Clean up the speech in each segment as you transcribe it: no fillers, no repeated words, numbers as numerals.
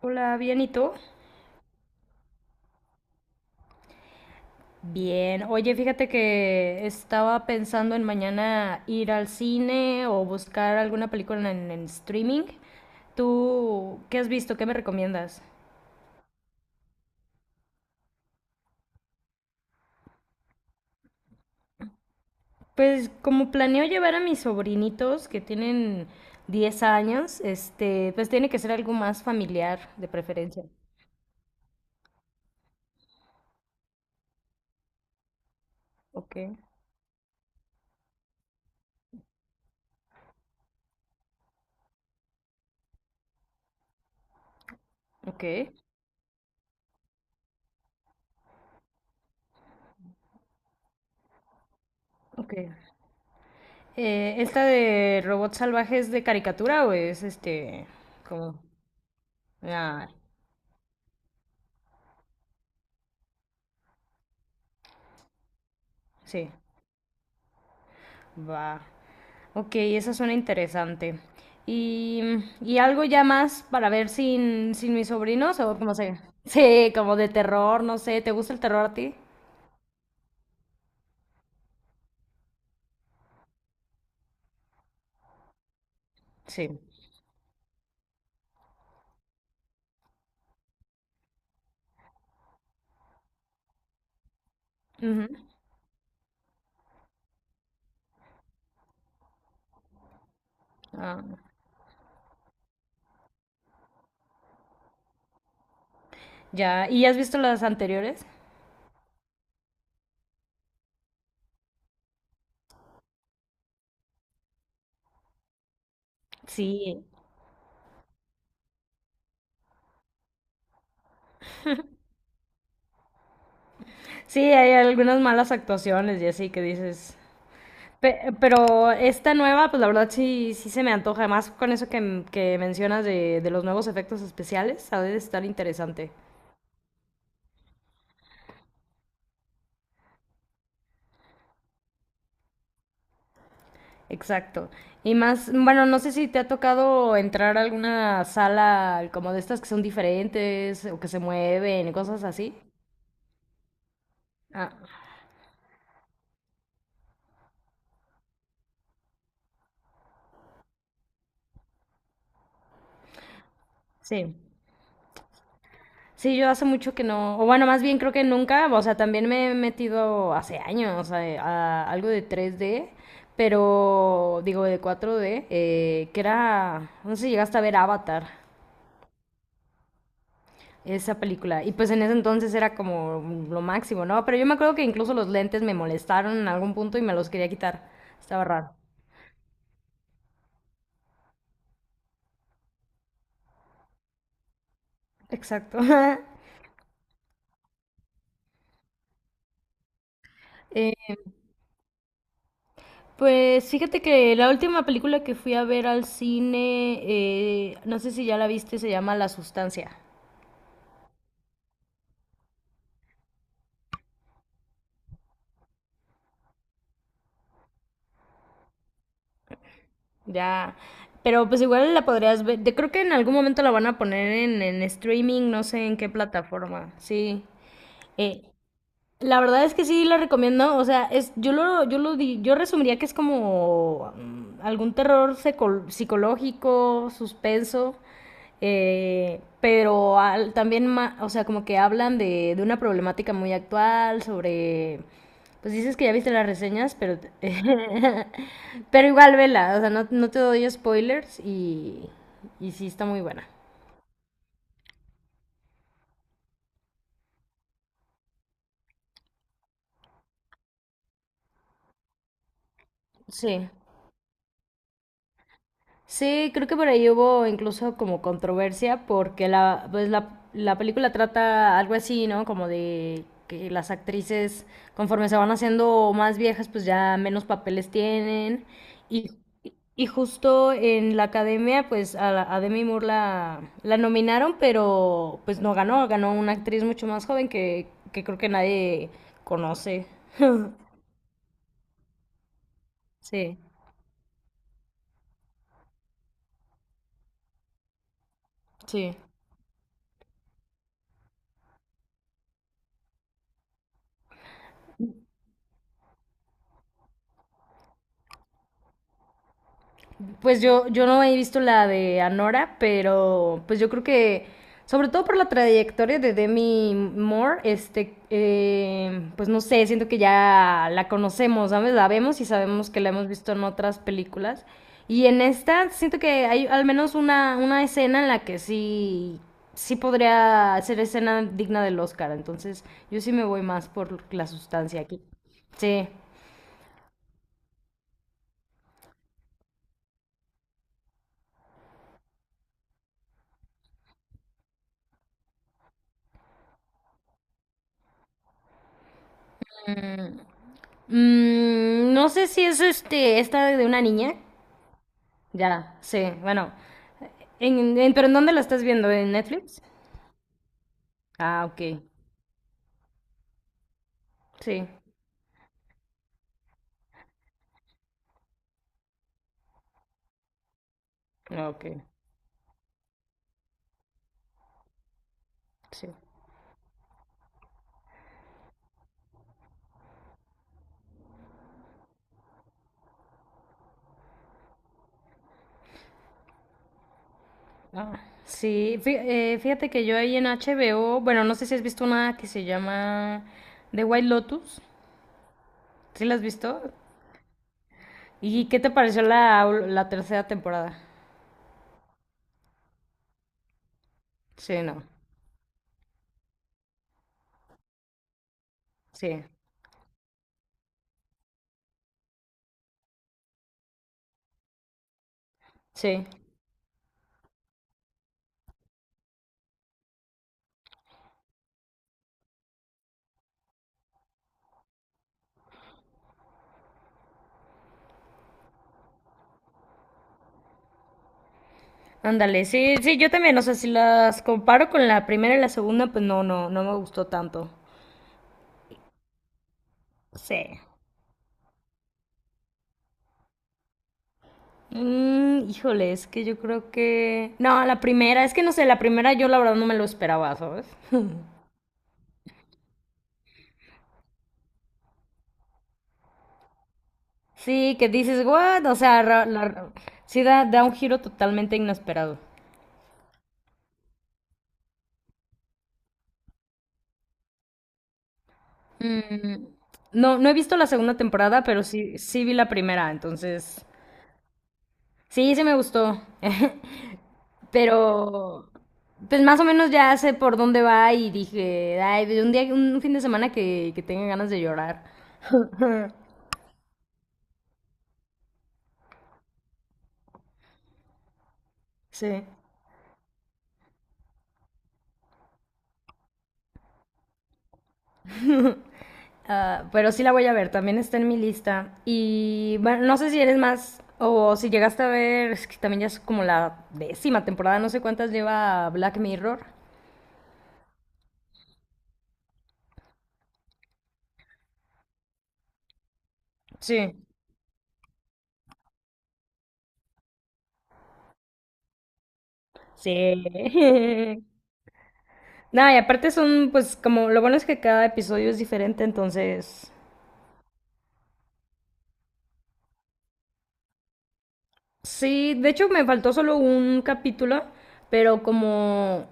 Hola, bien, ¿y tú? Bien. Oye, fíjate que estaba pensando en mañana ir al cine o buscar alguna película en streaming. ¿Tú qué has visto? ¿Qué me recomiendas? Pues como planeo llevar a mis sobrinitos que tienen 10 años, este, pues tiene que ser algo más familiar de preferencia. Ok, ok, ok. ¿Esta de robots salvajes de caricatura o es este como... Ah, sí, va. Ok, eso suena interesante. Y, y algo ya más para ver sin mis sobrinos o como se... Sí, como de terror, no sé. ¿Te gusta el terror a ti? Sí. Ujú. Ah, ya. ¿Y has visto las anteriores? Sí. Sí, hay algunas malas actuaciones y así que dices. Pero esta nueva, pues la verdad sí, sí se me antoja. Además, con eso que mencionas de los nuevos efectos especiales, ha de estar interesante. Exacto. Y más, bueno, no sé si te ha tocado entrar a alguna sala como de estas que son diferentes o que se mueven y cosas así. Ah, sí. Sí, yo hace mucho que no, o bueno, más bien creo que nunca, o sea, también me he metido hace años a algo de tres d pero digo de cuatro d que era, no sé si llegaste a ver Avatar. Esa película. Y pues en ese entonces era como lo máximo, ¿no? Pero yo me acuerdo que incluso los lentes me molestaron en algún punto y me los quería quitar. Estaba raro. Exacto. Eh, pues fíjate que la última película que fui a ver al cine, no sé si ya la viste, se llama La Sustancia. Ya, pero pues igual la podrías ver. Creo que en algún momento la van a poner en streaming, no sé en qué plataforma. Sí. Eh, La verdad es que sí la recomiendo, o sea, es, yo resumiría que es como algún psicológico, suspenso, pero también, o sea, como que hablan de una problemática muy actual, sobre, pues dices que ya viste las reseñas, pero, pero igual vela, o sea, no, no te doy spoilers y sí está muy buena. Sí. Sí, creo que por ahí hubo incluso como controversia porque pues la película trata algo así, ¿no? Como de que las actrices conforme se van haciendo más viejas pues ya menos papeles tienen y, y justo en la academia pues a Demi Moore la nominaron pero pues no ganó, ganó una actriz mucho más joven que creo que nadie conoce. Sí, sí. Pues yo no he visto la de Anora, pero pues yo creo que, sobre todo por la trayectoria de Demi Moore, este, pues no sé, siento que ya la conocemos, ¿sabes? La vemos y sabemos que la hemos visto en otras películas. Y en esta siento que hay al menos una escena en la que sí, sí podría ser escena digna del Oscar. Entonces yo sí me voy más por la sustancia aquí. Sí. Mm, no sé si es este, esta de una niña. Ya, sí, bueno. ¿Pero en dónde la estás viendo? ¿En Netflix? Ah, ok. Sí. Ok, sí. Ah, sí, fíjate que yo ahí en HBO, bueno, no sé si has visto una que se llama The White Lotus. ¿Sí la has visto? ¿Y qué te pareció la tercera temporada? Sí, no. Sí, sí. Ándale, sí, sí, yo también, o sea, si las comparo con la primera y la segunda, pues no, no, no me gustó tanto. Sí. Mm, híjole, es que yo creo que... No, la primera, es que no sé, la primera yo la verdad no me lo esperaba, ¿sabes? Sí, que dices, what? O sea, sí da, da un giro totalmente inesperado. Mm, no, no he visto la segunda temporada, pero sí, sí vi la primera, entonces sí, sí me gustó. Pero, pues más o menos ya sé por dónde va y dije, ay, de un día, un fin de semana que tenga ganas de llorar. Sí. Pero sí la voy a ver, también está en mi lista. Y bueno, no sé si eres más o si llegaste a ver, es que también ya es como la décima temporada, no sé cuántas lleva Black Mirror. Sí. Sí. Nada, y aparte son, pues como lo bueno es que cada episodio es diferente, entonces sí, de hecho me faltó solo un capítulo, pero como,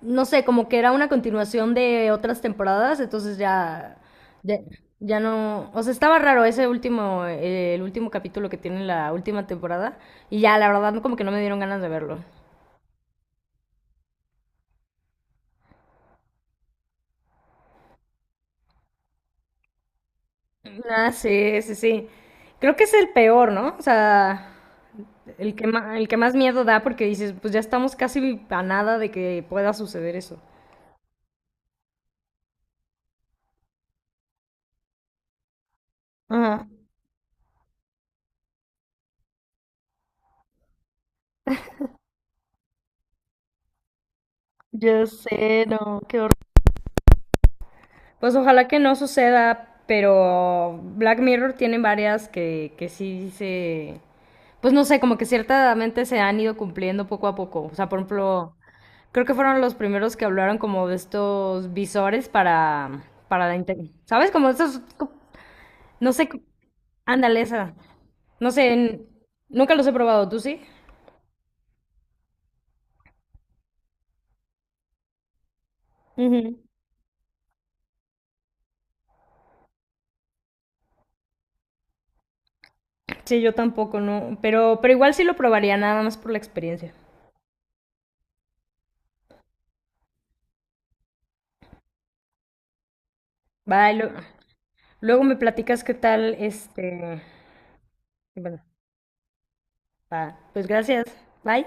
no sé, como que era una continuación de otras temporadas, entonces ya, ya, ya no, o sea, estaba raro ese último, el último capítulo que tiene la última temporada, y ya, la verdad, como que no me dieron ganas de verlo. Ah, sí, sí, sí. Creo que es el peor, ¿no? O sea, el que más miedo da porque dices, pues ya estamos casi a nada de que pueda suceder eso. Ajá. Pues ojalá que no suceda, pero Black Mirror tiene varias que sí se... Pues no sé, como que ciertamente se han ido cumpliendo poco a poco. O sea, por ejemplo, creo que fueron los primeros que hablaron como de estos visores para ¿sabes? Como estos... no sé, ándale esa. No sé, nunca los he probado, ¿tú sí? Ujú. Sí, yo tampoco, no. Pero igual sí lo probaría, nada más por la experiencia. Bye, luego me platicas qué tal este. Y bueno, va. Pues gracias. Bye.